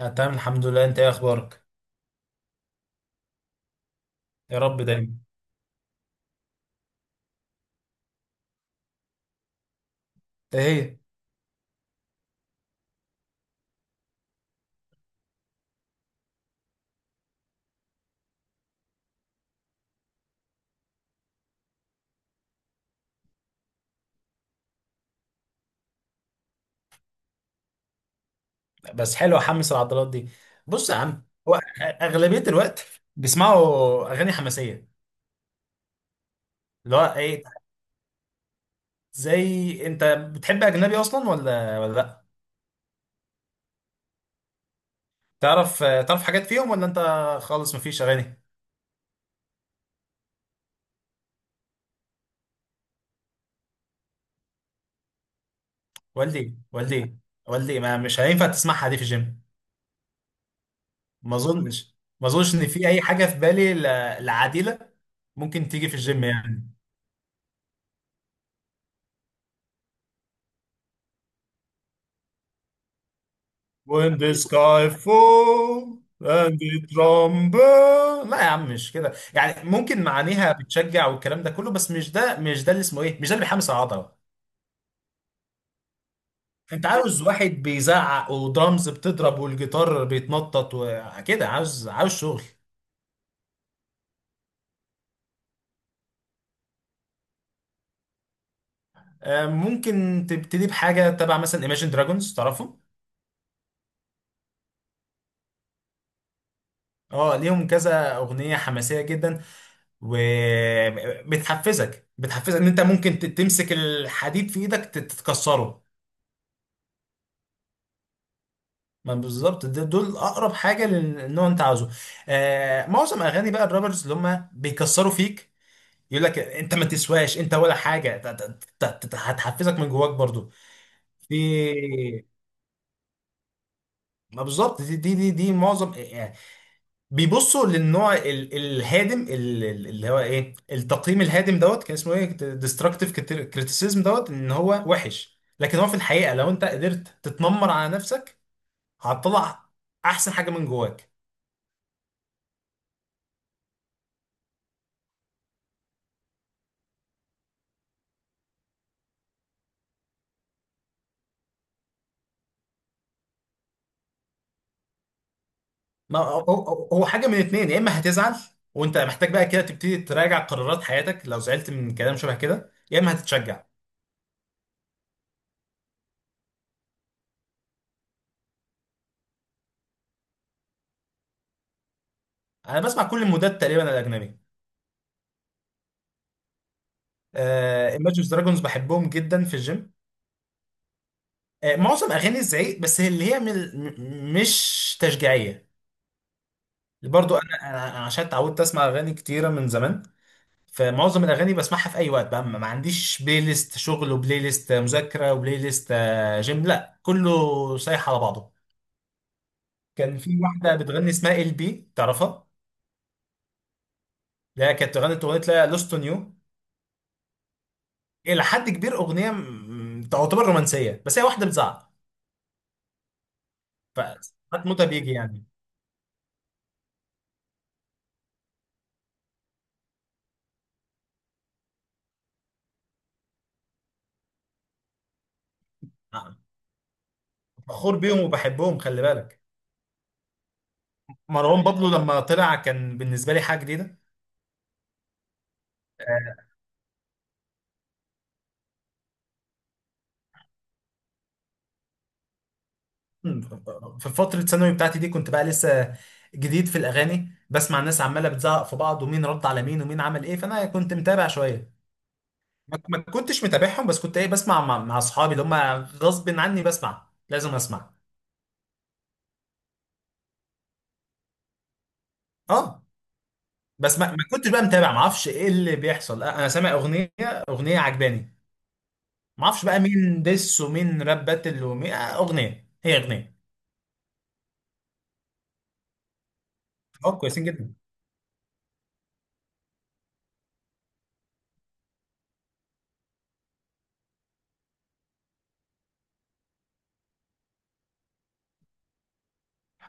أنا تمام، الحمد لله. انت ايه اخبارك؟ يا رب دايما. ايه. بس حلو احمس العضلات دي. بص يا عم، هو اغلبيه الوقت بيسمعوا اغاني حماسيه. اللي هو ايه. زي، انت بتحب اجنبي اصلا ولا لا؟ تعرف حاجات فيهم، ولا انت خالص مفيش اغاني؟ والدي، والدي، والدي ما مش هينفع تسمعها دي في الجيم. ما اظنش ان في اي حاجه في بالي العادله ممكن تيجي في الجيم يعني. When the sky fall and it rumble. لا يا عم، مش كده يعني، ممكن معانيها بتشجع والكلام ده كله، بس مش ده اللي اسمه ايه، مش ده اللي بيحمس العضله. انت عاوز واحد بيزعق ودرامز بتضرب والجيتار بيتنطط وكده، عاوز شغل. ممكن تبتدي بحاجه تبع مثلا ايماجين دراجونز، تعرفهم؟ اه، ليهم كذا اغنيه حماسيه جدا. وبتحفزك ان انت ممكن تمسك الحديد في ايدك تتكسره. ما بالظبط دول اقرب حاجه للنوع انت عاوزه. معظم اغاني بقى الرابرز اللي هم بيكسروا فيك، يقول لك انت ما تسواش انت ولا حاجه، هتحفزك من جواك برضو. في، ما بالظبط دي معظم، يعني بيبصوا للنوع الهادم، اللي هو ايه، التقييم الهادم دوت كان اسمه ايه، ديستراكتيف كريتيسيزم دوت. ان هو وحش، لكن هو في الحقيقه لو انت قدرت تتنمر على نفسك هتطلع احسن حاجه من جواك. ما هو حاجه من اتنين، يا اما هتزعل وانت محتاج بقى كده تبتدي تراجع قرارات حياتك لو زعلت من كلام شبه كده، يا اما هتتشجع. انا بسمع كل المودات تقريبا الاجنبي. ايماجينز دراجونز بحبهم جدا في الجيم. معظم اغاني الزعيق بس، هي اللي هي من مش تشجيعيه. برضو انا عشان اتعودت اسمع اغاني كتيره من زمان، فمعظم الاغاني بسمعها في اي وقت بقى، ما عنديش بلاي ليست شغل وبلاي ليست مذاكره وبلاي ليست، جيم، لا كله سايح على بعضه. كان في واحده بتغني اسمها ال بي، تعرفها؟ اللي هي كانت غنت اغنيه لا لوست اون يو. الى حد كبير اغنيه تعتبر رومانسيه، بس هي واحده بتزعق، فساعات موتها بيجي يعني. نعم، فخور بيهم وبحبهم، خلي بالك. مروان بابلو لما طلع كان بالنسبه لي حاجه جديده. آه، في فترة الثانوي بتاعتي دي كنت بقى لسه جديد في الأغاني، بسمع الناس عمالة بتزعق في بعض ومين رد على مين ومين عمل إيه، فأنا كنت متابع شوية، ما كنتش متابعهم، بس كنت ايه بسمع مع اصحابي اللي هم غصب عني بسمع، لازم اسمع. اه بس ما كنتش بقى متابع، ما اعرفش ايه اللي بيحصل، انا سامع اغنيه عجباني، ما اعرفش بقى مين ديس ومين راب باتل ومين، اغنيه هي اغنيه. اه، كويسين جدا.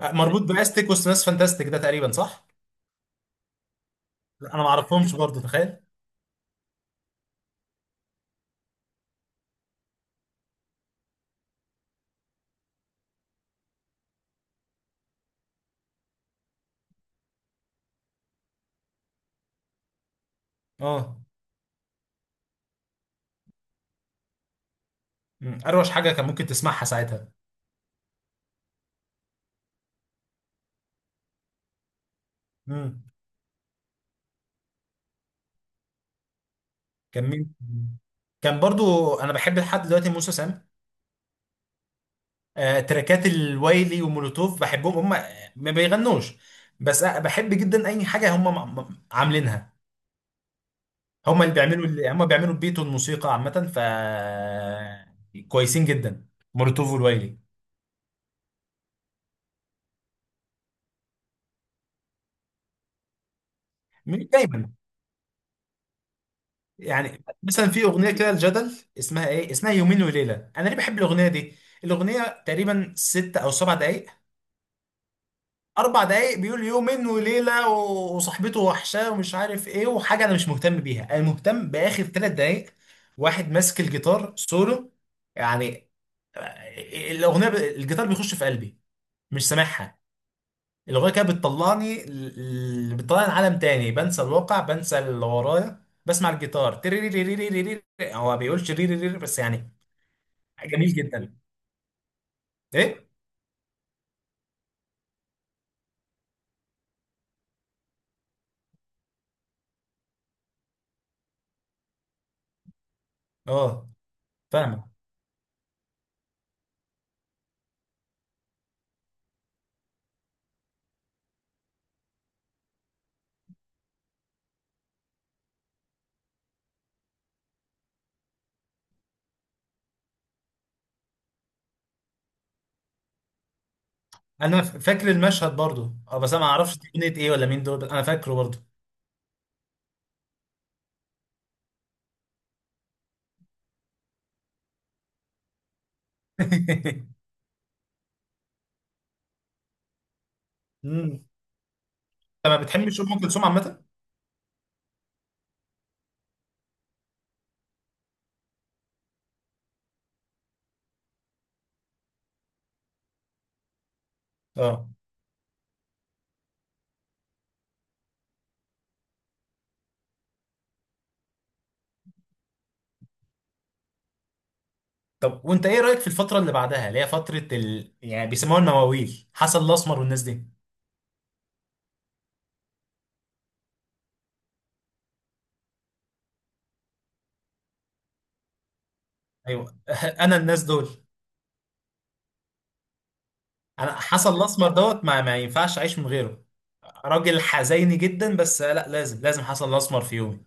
مربوط باستيك وسط ناس فانتاستيك، ده تقريبا صح؟ لا، انا ما اعرفهمش برضه، تخيل. اه. مم. اروش حاجه كان ممكن تسمعها ساعتها. مم. كان مين؟ كان برضو انا بحب لحد دلوقتي موسى سام، تراكات الوايلي ومولوتوف بحبهم هم. ما بيغنوش بس بحب جدا اي حاجه هم عاملينها. هم اللي بيعملوا اللي هم بيعملوا البيت والموسيقى عامه، ف كويسين جدا، مولوتوف والوايلي. مش دايما. يعني مثلا في اغنيه كده الجدل، اسمها يومين وليله، انا ليه بحب الاغنيه دي؟ الاغنيه تقريبا 6 أو 7 دقائق، 4 دقايق بيقول يومين وليله و- وصاحبته وحشاه ومش عارف ايه وحاجه، انا مش مهتم بيها، انا مهتم باخر 3 دقايق. واحد ماسك الجيتار سولو يعني، الاغنيه الجيتار بيخش في قلبي، مش سامعها. الاغنيه كده بتطلعني لعالم تاني، بنسى الواقع، بنسى اللي ورايا، بسمع الجيتار تريريريريريري. هو ما بيقولش ريريريري بس يعني. جميل جدا. ايه. اه، فاهمك. انا فاكر المشهد برضو، اه، بس انا ما اعرفش دي اغنيه ايه ولا مين دول، بس انا فاكره برضو. امم انت ما بتحبش ام كلثوم عامه؟ اه. طب وانت ايه رايك في الفتره اللي بعدها، اللي هي فتره يعني بيسموها النواويل، حسن الاسمر والناس دي؟ ايوه. انا الناس دول، انا حسن الاسمر دوت ما ينفعش اعيش من غيره. راجل حزيني جدا، بس لا، لازم لازم حسن الاسمر في يومي.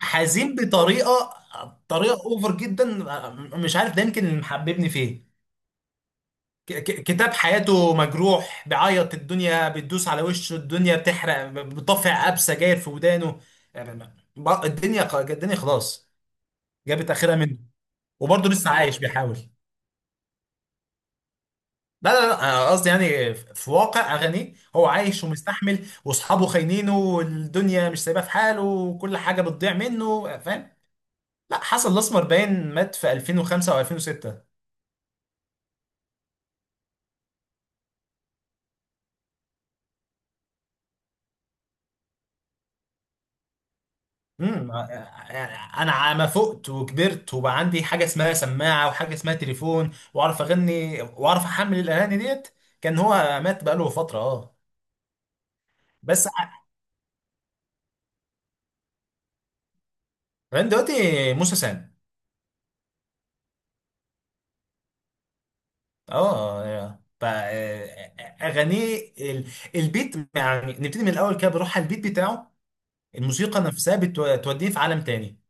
حزين بطريقه، طريقه اوفر جدا، آه، مش عارف ده يمكن اللي محببني فيه. كتاب حياته مجروح، بيعيط، الدنيا بتدوس على وشه، الدنيا بتحرق، بطفع قاب سجاير في ودانه، آه، الدنيا الدنيا خلاص جابت اخرها منه، وبرضه لسه عايش بيحاول. لا لا لا، أنا قصدي يعني في واقع اغانيه، هو عايش ومستحمل واصحابه خاينينه والدنيا مش سايباه في حاله وكل حاجه بتضيع منه، فاهم. لا، حسن الاسمر باين مات في 2005 او 2006. انا ما فقت وكبرت وبقى عندي حاجه اسمها سماعه وحاجه اسمها تليفون واعرف اغني واعرف احمل الاغاني ديت، كان هو مات بقاله فتره، اه. بس كمان دلوقتي موسى سام. اه، ف آه، اغانيه البيت يعني، نبتدي من الاول كده، بروح على البيت بتاعه، الموسيقى نفسها بتوديه في عالم تاني.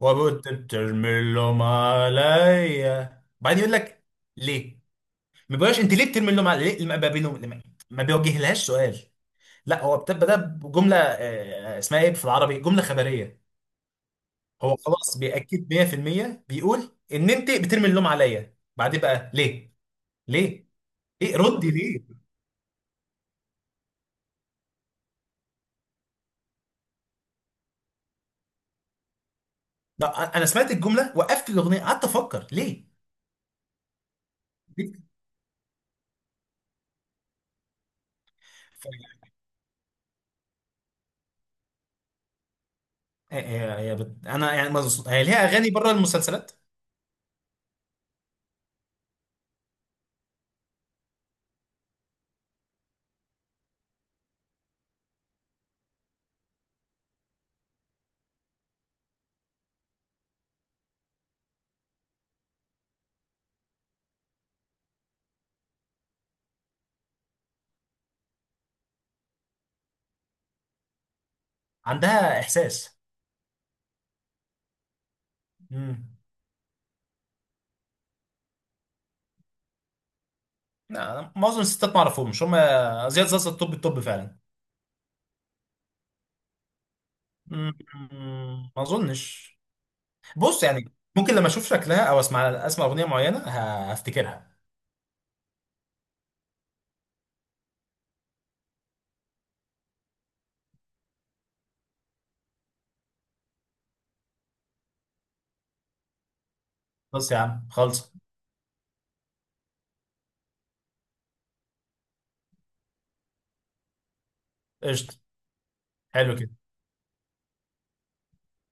وبترمي اللوم عليا بعدين، يقول لك ليه. ما بيقولهاش انت ليه بترمي اللوم على، ليه ما بيقولهم- لما- ما بيوجهلهاش سؤال. لا، هو بتبقى ده جمله، اسمها ايه، في العربي جمله خبريه. هو خلاص بيأكد 100% بيقول ان انت بترمي اللوم عليا بعدين بقى ليه. ليه، ايه ردي، ليه. لا انا سمعت الجمله، وقفت الاغنيه، قعدت افكر ليه. ليه؟ ف- انا يعني هي ليها اغاني بره المسلسلات. عندها احساس. امم. لا، معظم الستات ما اعرفهم، مش هم. زياد زازا، الطب الطب فعلا. مم، ما اظنش. بص يعني ممكن لما اشوف شكلها او اسمع اغنيه معينه هفتكرها. بص يا عم، خلص. قشطه. حلو كده.